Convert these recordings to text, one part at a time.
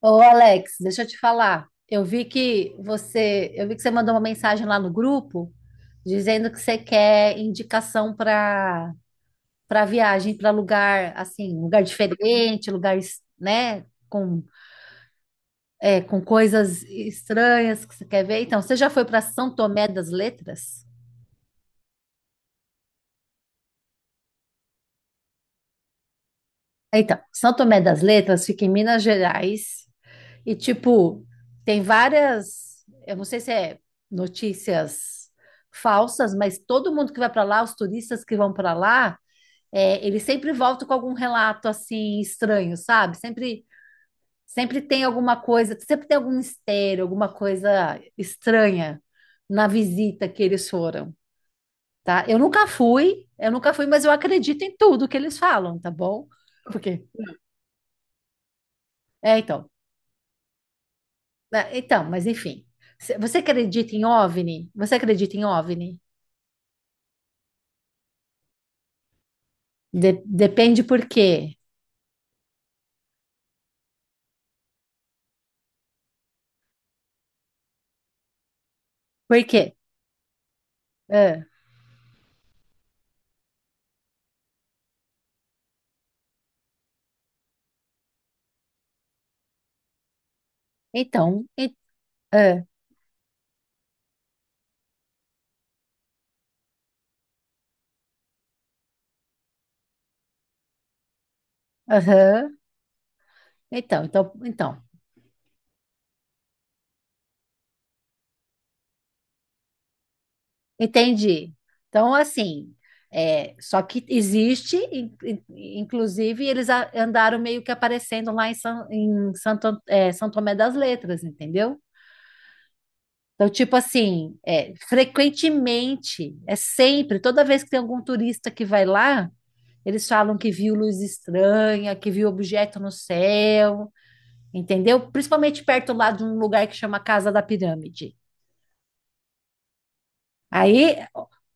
Ô, Alex, deixa eu te falar. Eu vi que você mandou uma mensagem lá no grupo dizendo que você quer indicação para viagem, para lugar assim, um lugar diferente, lugar, né, com coisas estranhas que você quer ver. Então, você já foi para São Tomé das Letras? Então, São Tomé das Letras fica em Minas Gerais. E, tipo, tem várias, eu não sei se é notícias falsas, mas todo mundo que vai para lá, os turistas que vão para lá, eles sempre voltam com algum relato assim estranho, sabe? Sempre tem alguma coisa, sempre tem algum mistério, alguma coisa estranha na visita que eles foram, tá? Eu nunca fui, mas eu acredito em tudo que eles falam, tá bom? Porque, então, Ah, mas enfim. Você acredita em OVNI? Você acredita em OVNI? Depende por quê. Por quê? Ah, então, ah, aham. Então, então, então. Entendi. Então, assim, só que existe, inclusive, eles andaram meio que aparecendo lá em, San, em Santo, An- é, São Tomé das Letras, entendeu? Então, tipo assim, frequentemente, sempre, toda vez que tem algum turista que vai lá, eles falam que viu luz estranha, que viu objeto no céu, entendeu? Principalmente perto lá de um lugar que chama Casa da Pirâmide. Aí,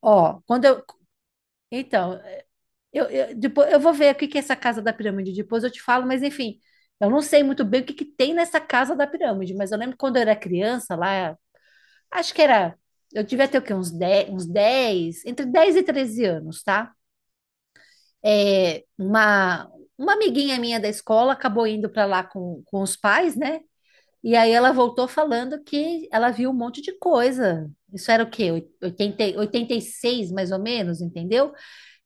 ó, então, depois eu vou ver o que que é essa Casa da Pirâmide, depois eu te falo, mas enfim, eu não sei muito bem o que que tem nessa Casa da Pirâmide, mas eu lembro que quando eu era criança lá, acho que era. Eu devia ter o quê? Uns 10, uns 10, entre 10 e 13 anos, tá? É, uma amiguinha minha da escola acabou indo para lá com os pais, né? E aí ela voltou falando que ela viu um monte de coisa. Isso era o quê? 86, mais ou menos, entendeu?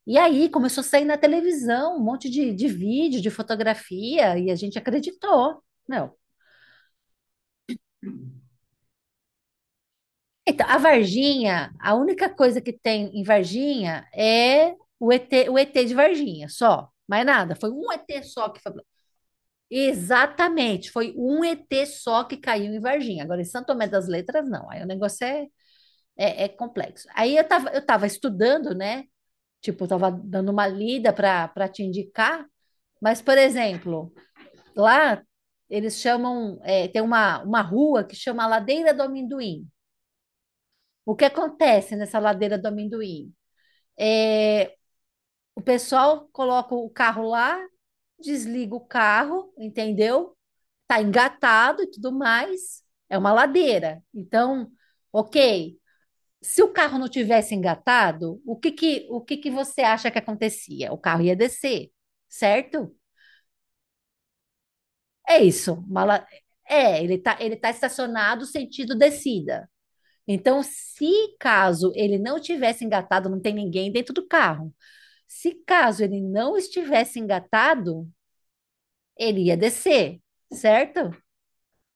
E aí começou a sair na televisão um monte de vídeo, de fotografia, e a gente acreditou. Não. Então, a Varginha, a única coisa que tem em Varginha é o ET, o ET de Varginha, só. Mais nada. Foi um ET só que foi. Exatamente, foi um ET só que caiu em Varginha. Agora, em Santo Tomé das Letras, não. Aí o negócio é complexo. Aí eu tava estudando, né? Tipo, eu tava dando uma lida para te indicar. Mas, por exemplo, lá eles chamam, tem uma rua que chama Ladeira do Amendoim. O que acontece nessa ladeira do amendoim? É, o pessoal coloca o carro lá, desliga o carro, entendeu? Tá engatado e tudo mais. É uma ladeira. Então, ok. Se o carro não tivesse engatado, o que que você acha que acontecia? O carro ia descer, certo? É isso. Ele tá estacionado sentido descida. Então, se caso ele não tivesse engatado, não tem ninguém dentro do carro. Se caso ele não estivesse engatado, ele ia descer, certo?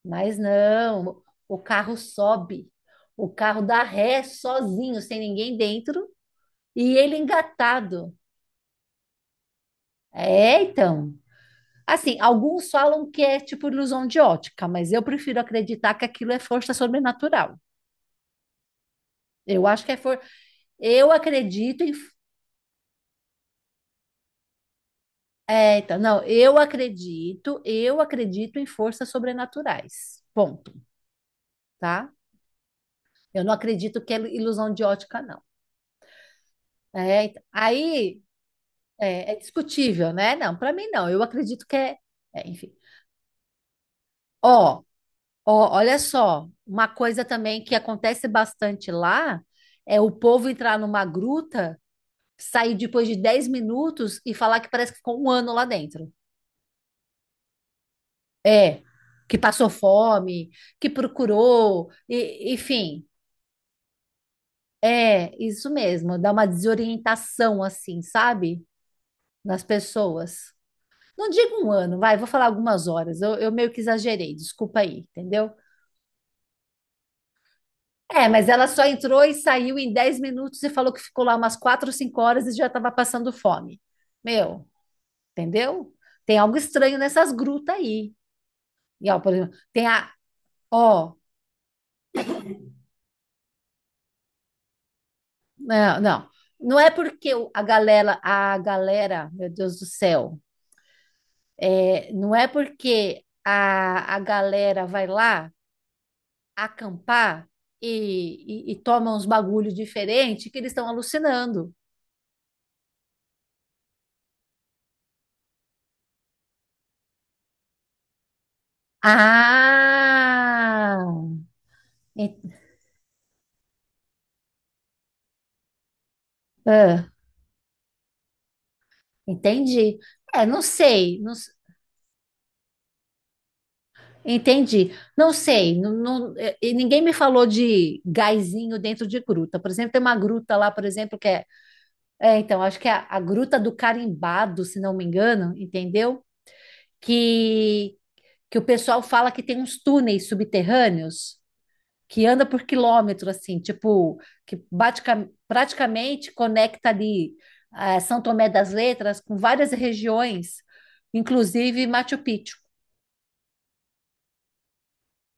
Mas não, o carro sobe, o carro dá ré sozinho, sem ninguém dentro, e ele engatado. É, então. Assim, alguns falam que é tipo ilusão de ótica, mas eu prefiro acreditar que aquilo é força sobrenatural. Eu acho que é for... Eu acredito em. É, então, não, eu acredito em forças sobrenaturais. Ponto, tá? Eu não acredito que é ilusão de ótica, não. É, então, aí é discutível, né? Não, para mim não. Eu acredito que enfim. Ó, olha só, uma coisa também que acontece bastante lá é o povo entrar numa gruta, sair depois de 10 minutos e falar que parece que ficou um ano lá dentro. É, que passou fome, que procurou, enfim. É, isso mesmo, dá uma desorientação assim, sabe? Nas pessoas. Não digo um ano, vai, vou falar algumas horas. Eu meio que exagerei, desculpa aí, entendeu? É, mas ela só entrou e saiu em 10 minutos e falou que ficou lá umas 4 ou 5 horas e já estava passando fome. Meu, entendeu? Tem algo estranho nessas grutas aí. E, ó, por exemplo, tem a. Ó, não, não. Não é porque meu Deus do céu, não é porque a galera vai lá acampar e tomam uns bagulhos diferentes que eles estão alucinando. Ah, en- ah, entendi. Não sei, entendi. Não sei, e ninguém me falou de gásinho dentro de gruta. Por exemplo, tem uma gruta lá, por exemplo, então, acho que é a Gruta do Carimbado, se não me engano, entendeu? Que, que o pessoal fala que tem uns túneis subterrâneos. Que anda por quilômetro, assim, tipo, praticamente conecta ali São Tomé das Letras com várias regiões, inclusive Machu Picchu.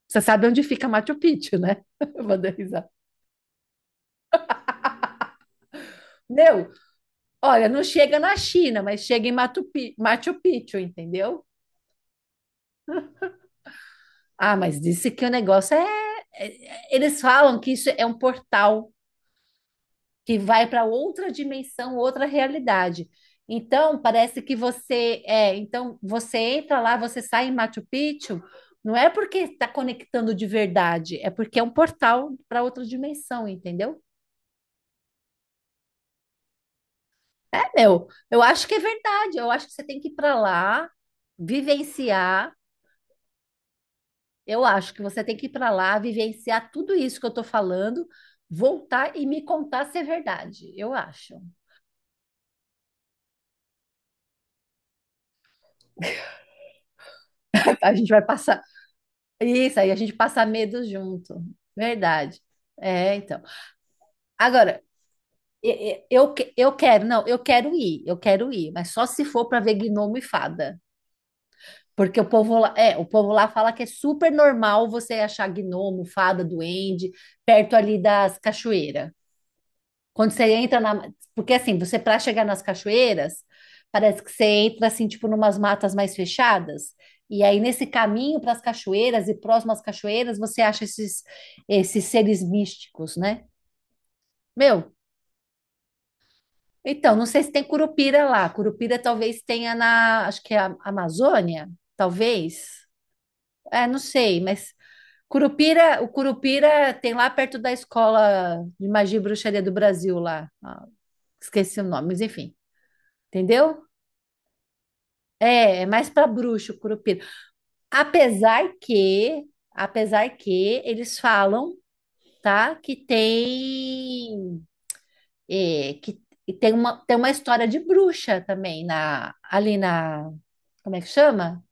Você sabe onde fica Machu Picchu, né? Eu vou dar risada. Meu, olha, não chega na China, mas chega em Machu Picchu, entendeu? Ah, mas disse que o negócio é. Eles falam que isso é um portal que vai para outra dimensão, outra realidade. Então, parece que você então você entra lá, você sai em Machu Picchu, não é porque está conectando de verdade, é porque é um portal para outra dimensão, entendeu? É, meu, eu acho que é verdade. Eu acho que você tem que ir para lá, vivenciar. Eu acho que você tem que ir para lá, vivenciar tudo isso que eu estou falando, voltar e me contar se é verdade. Eu acho. A gente vai passar. Isso, aí a gente passa medo junto. Verdade. É, então. Agora, eu quero, não, eu quero ir, mas só se for para ver gnomo e fada. Porque o povo lá fala que é super normal você achar gnomo, fada, duende, perto ali das cachoeiras. Quando você entra na. Porque assim, você para chegar nas cachoeiras, parece que você entra assim, tipo, numas matas mais fechadas. E aí, nesse caminho para as cachoeiras e próximas às cachoeiras, você acha esses seres místicos, né? Meu, então, não sei se tem Curupira lá. Curupira talvez tenha na, acho que é a Amazônia, talvez. É, não sei, mas o Curupira tem lá perto da escola de magia e bruxaria do Brasil lá. Ah, esqueci o nome, mas enfim, entendeu? É mais para bruxo, Curupira. Apesar que eles falam, tá, que tem, que tem uma história de bruxa também na, ali na, como é que chama?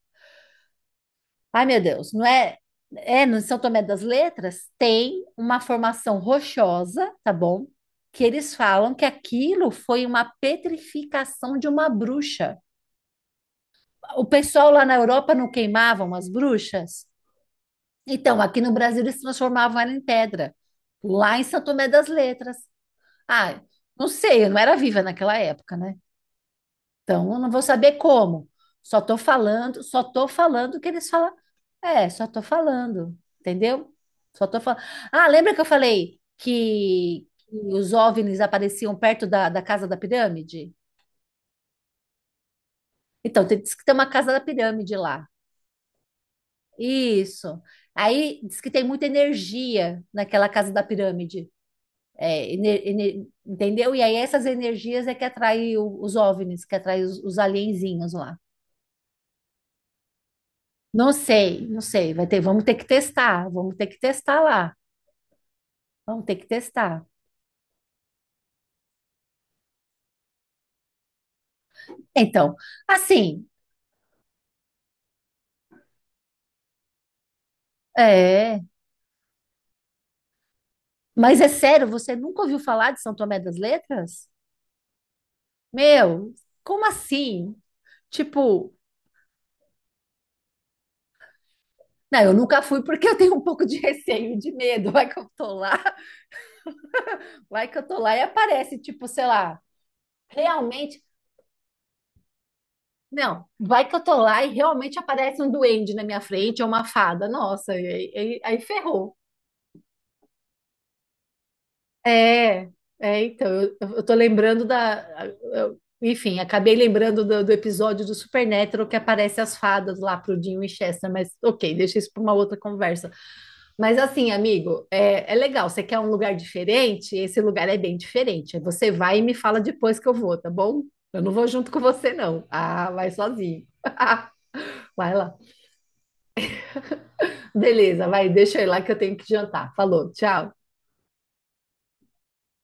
Ai, meu Deus, não é, é no São Tomé das Letras tem uma formação rochosa, tá bom? Que eles falam que aquilo foi uma petrificação de uma bruxa. O pessoal lá na Europa não queimavam as bruxas? Então, aqui no Brasil eles transformavam ela em pedra, lá em São Tomé das Letras. Ah, não sei, eu não era viva naquela época, né? Então, eu não vou saber como. Só tô falando o que eles falam. É, só tô falando, entendeu? Só tô falando. Ah, lembra que eu falei que os OVNIs apareciam perto da casa da pirâmide? Então, diz que tem uma casa da pirâmide lá. Isso. Aí diz que tem muita energia naquela casa da pirâmide. É, entendeu? E aí essas energias é que atrai os OVNIs, que atrai os alienzinhos lá. Não sei, não sei, vai ter, vamos ter que testar, vamos ter que testar lá, vamos ter que testar. Então, assim, é, mas é sério, você nunca ouviu falar de São Tomé das Letras? Meu, como assim? Tipo, não, eu nunca fui porque eu tenho um pouco de receio, de medo, vai que eu tô lá, vai que eu tô lá e aparece, tipo, sei lá, realmente não, vai que eu tô lá e realmente aparece um duende na minha frente ou uma fada. Nossa, e aí, aí ferrou. É, então, eu tô lembrando da. Enfim, acabei lembrando do episódio do Supernatural que aparece as fadas lá pro Dean Winchester, mas ok, deixa isso para uma outra conversa. Mas assim, amigo, é legal, você quer um lugar diferente? Esse lugar é bem diferente. Aí você vai e me fala depois que eu vou, tá bom? Eu não vou junto com você, não. Ah, vai sozinho. Vai lá. Beleza, vai, deixa eu ir lá que eu tenho que jantar. Falou, tchau.